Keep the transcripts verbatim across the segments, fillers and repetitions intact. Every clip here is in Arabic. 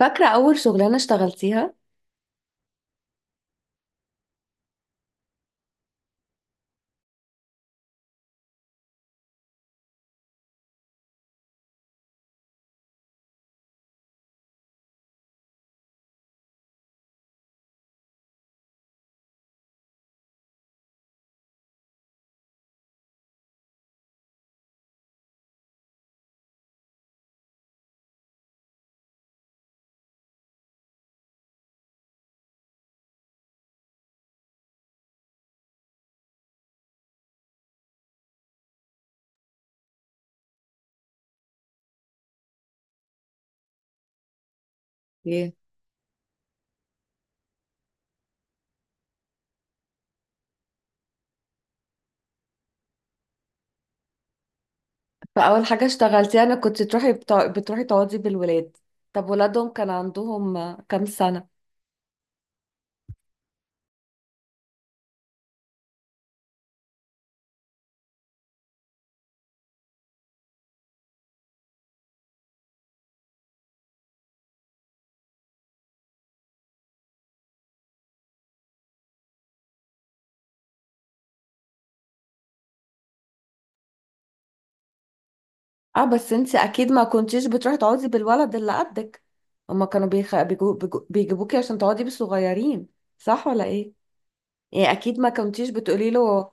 فاكرة أول شغلانة اشتغلتيها؟ ايه، فأول حاجة اشتغلتيها أنا كنت تروحي بتا... بتروحي تقعدي بالولاد. طب ولادهم كان عندهم آه، كام سنة؟ اه، بس انتي أكيد ما كنتيش بتروحي تقعدي بالولد اللي قدك. هما كانوا بيخ... بيجو... بيجو... بيجيبوكي عشان تقعدي بالصغيرين، صح ولا ايه؟ يعني أكيد ما كنتيش بتقولي له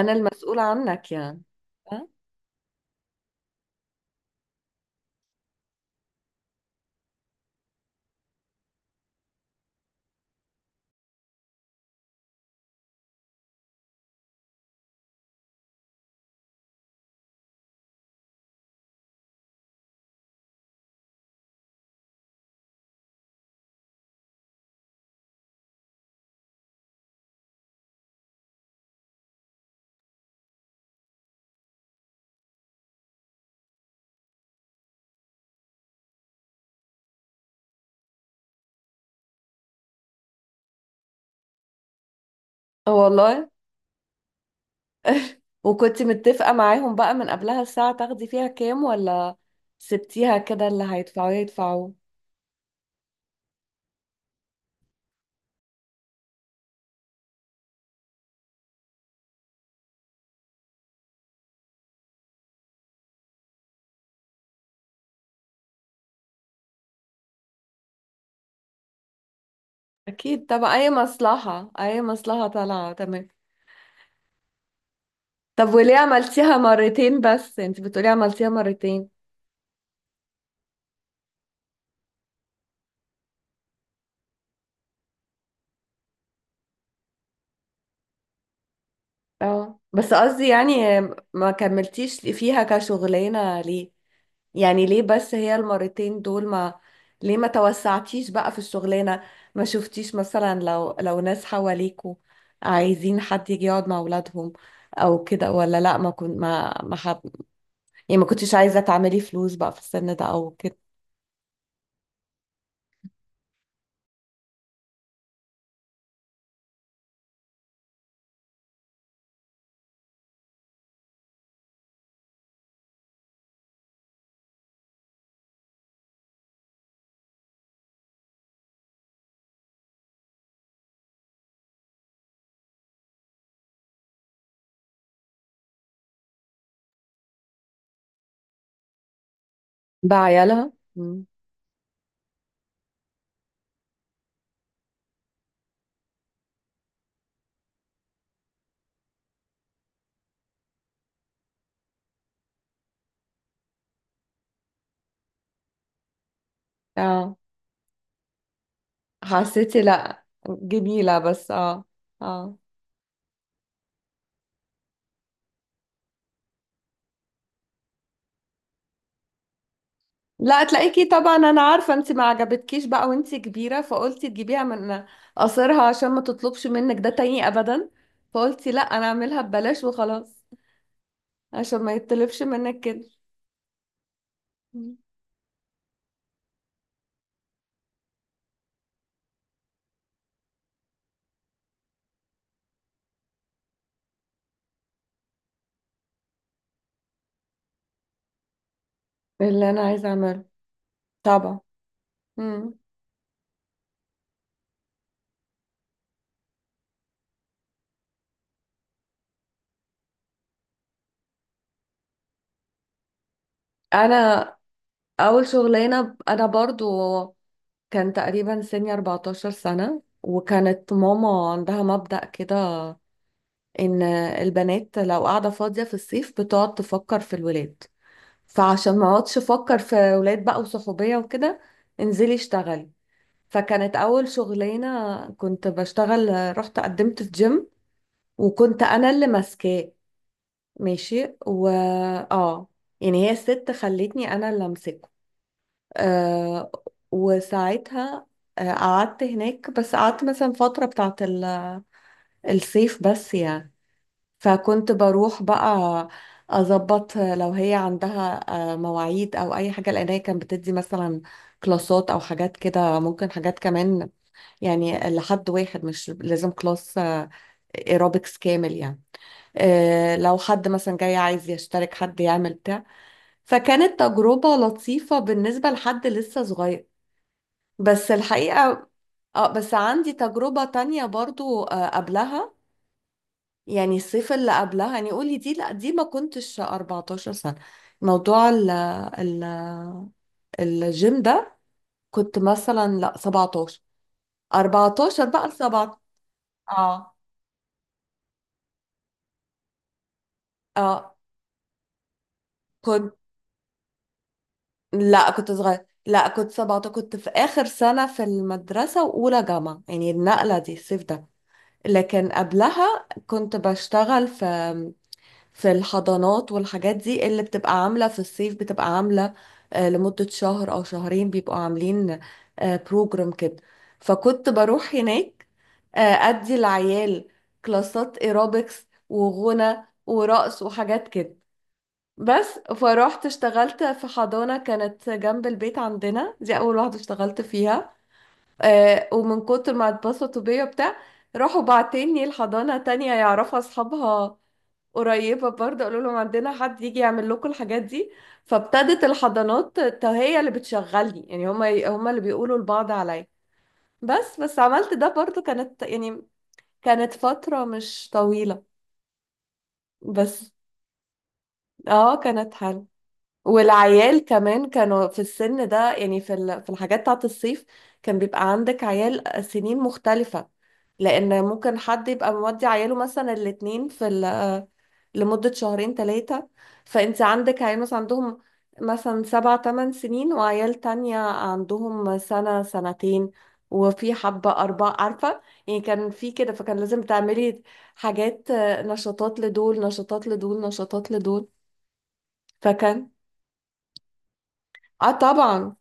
أنا المسؤولة عنك يعني. ها؟ آه والله. وكنت متفقة معاهم بقى من قبلها الساعة تاخدي فيها كام، ولا سبتيها كده اللي هيدفعوه يدفعوا؟ أكيد طبعا، أي مصلحة أي مصلحة طالعة تمام. طب وليه عملتيها مرتين بس؟ أنت بتقولي عملتيها مرتين. اه، بس قصدي يعني ما كملتيش فيها كشغلانة ليه؟ يعني ليه بس هي المرتين دول ما... ليه ما توسعتيش بقى في الشغلانة؟ ما شفتيش مثلا لو لو ناس حواليكوا عايزين حد يجي يقعد مع أولادهم أو كده، ولا لأ ما كنت ما ما حب... يعني ما كنتش عايزة تعملي فلوس بقى في السن ده أو كده؟ بعيالها. اه، حسيتي لا جميلة بس اه، اه. لا، تلاقيكي طبعا انا عارفة انت ما عجبتكيش بقى وانت كبيرة، فقلتي تجيبيها من قصرها عشان ما تطلبش منك ده تاني ابدا. فقلتي لا، انا اعملها ببلاش وخلاص، عشان ما يطلبش منك كده. مم. اللي انا عايزة اعمله. طبعا. مم. انا، اول شغلانة انا برضو كان تقريبا سني أربعة عشر سنة، وكانت ماما عندها مبدأ كده ان البنات لو قاعده فاضيه في الصيف بتقعد تفكر في الولاد. فعشان ما اقعدش افكر في ولاد بقى وصحوبيه وكده، انزلي اشتغلي. فكانت اول شغلانه كنت بشتغل، رحت قدمت في جيم وكنت انا اللي ماسكاه ماشي. و اه، يعني هي الست خلتني انا اللي امسكه. آه، وساعتها آه، قعدت هناك. بس قعدت مثلا فترة بتاعت ال- الصيف بس يعني. فكنت بروح بقى اظبط لو هي عندها آه، مواعيد او اي حاجه، لان هي كانت بتدي مثلا كلاسات او حاجات كده، ممكن حاجات كمان يعني لحد واحد، مش لازم كلاس ايروبكس كامل يعني. آه، لو حد مثلا جاي عايز يشترك، حد يعمل بتاع. فكانت تجربه لطيفه بالنسبه لحد لسه صغير، بس الحقيقه اه، بس عندي تجربه تانية برضو آه، قبلها. يعني الصيف اللي قبلها يعني، قولي دي، لا دي ما كنتش أربعة عشر سنة. موضوع ال ال الجيم ده كنت مثلا لا سبعة عشر. أربعتاشر بقى ل سبعة عشر. اه، اه كنت، لا كنت صغير، لا كنت سبعتاشر، كنت في آخر سنة في المدرسة وأولى جامعة يعني النقلة دي الصيف ده. لكن قبلها كنت بشتغل في في الحضانات والحاجات دي اللي بتبقى عاملة في الصيف. بتبقى عاملة آه، لمدة شهر أو شهرين، بيبقوا عاملين بروجرام كده. فكنت بروح هناك، آه، أدي العيال كلاسات ايروبكس وغنى ورقص وحاجات كده. بس فروحت اشتغلت في حضانة كانت جنب البيت عندنا، دي أول واحدة اشتغلت فيها. آه، ومن كتر ما اتبسطوا بيا بتاع، راحوا بعتني الحضانة تانية يعرفها أصحابها، قريبة برضه، قالوا لهم عندنا حد يجي يعمل لكم الحاجات دي. فابتدت الحضانات ت- هي اللي بتشغلني يعني، هما هما اللي بيقولوا لبعض عليا. بس بس عملت ده برضه. كانت يعني كانت فترة مش طويلة، بس اه كانت حلوة. والعيال كمان كانوا في السن ده، يعني في ال- في الحاجات بتاعت الصيف كان بيبقى عندك عيال سنين مختلفة، لأن ممكن حد يبقى مودي عياله مثلا الاتنين في ال... لمدة شهرين ثلاثة. فانت عندك عيال مثلا عندهم مثلا سبع تمن سنين، وعيال تانية عندهم سنة سنتين، وفي حبة أربعة، عارفة. يعني كان في كده، فكان لازم تعملي حاجات آه، نشاطات لدول، نشاطات لدول، نشاطات لدول. فكان اه طبعا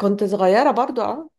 كنت صغيرة برضو اه.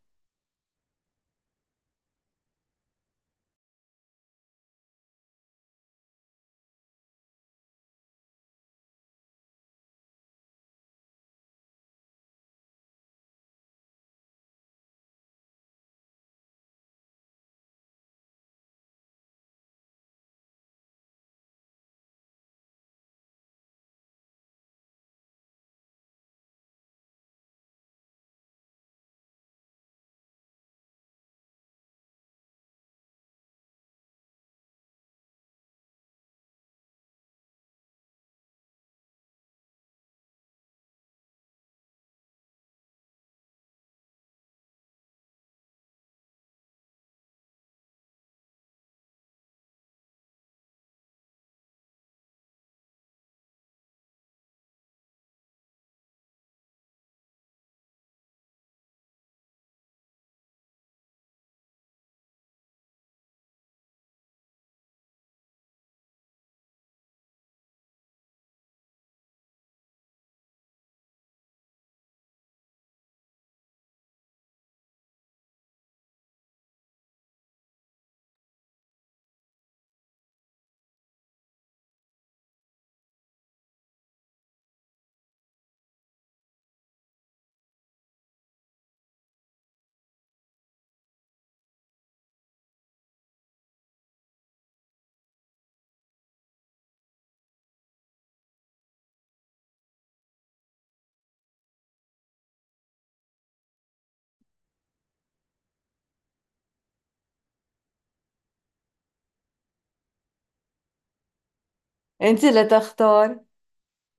انت اللي تختار،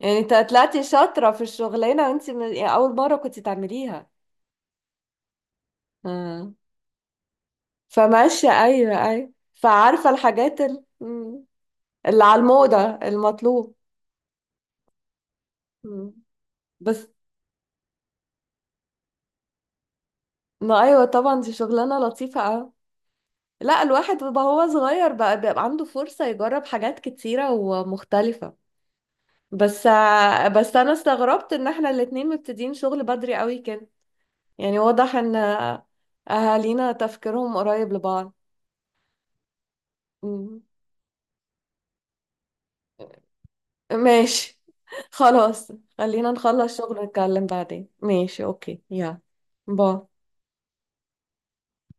يعني انت طلعتي شاطرة في الشغلانة وانت من... يعني أول مرة كنت تعمليها فماشية. أيوة أيوة، فعارفة الحاجات ال... مم. اللي على الموضة المطلوب. مم. بس، ما أيوة طبعا دي شغلانة لطيفة أوي. لا، الواحد بقى هو صغير بقى بيبقى عنده فرصة يجرب حاجات كتيرة ومختلفة. بس بس أنا استغربت إن احنا الاتنين مبتدئين شغل بدري قوي كده. يعني واضح إن أهالينا تفكيرهم قريب لبعض. مم. ماشي، خلاص. خلينا نخلص شغل نتكلم بعدين، ماشي، أوكي يلا. باي.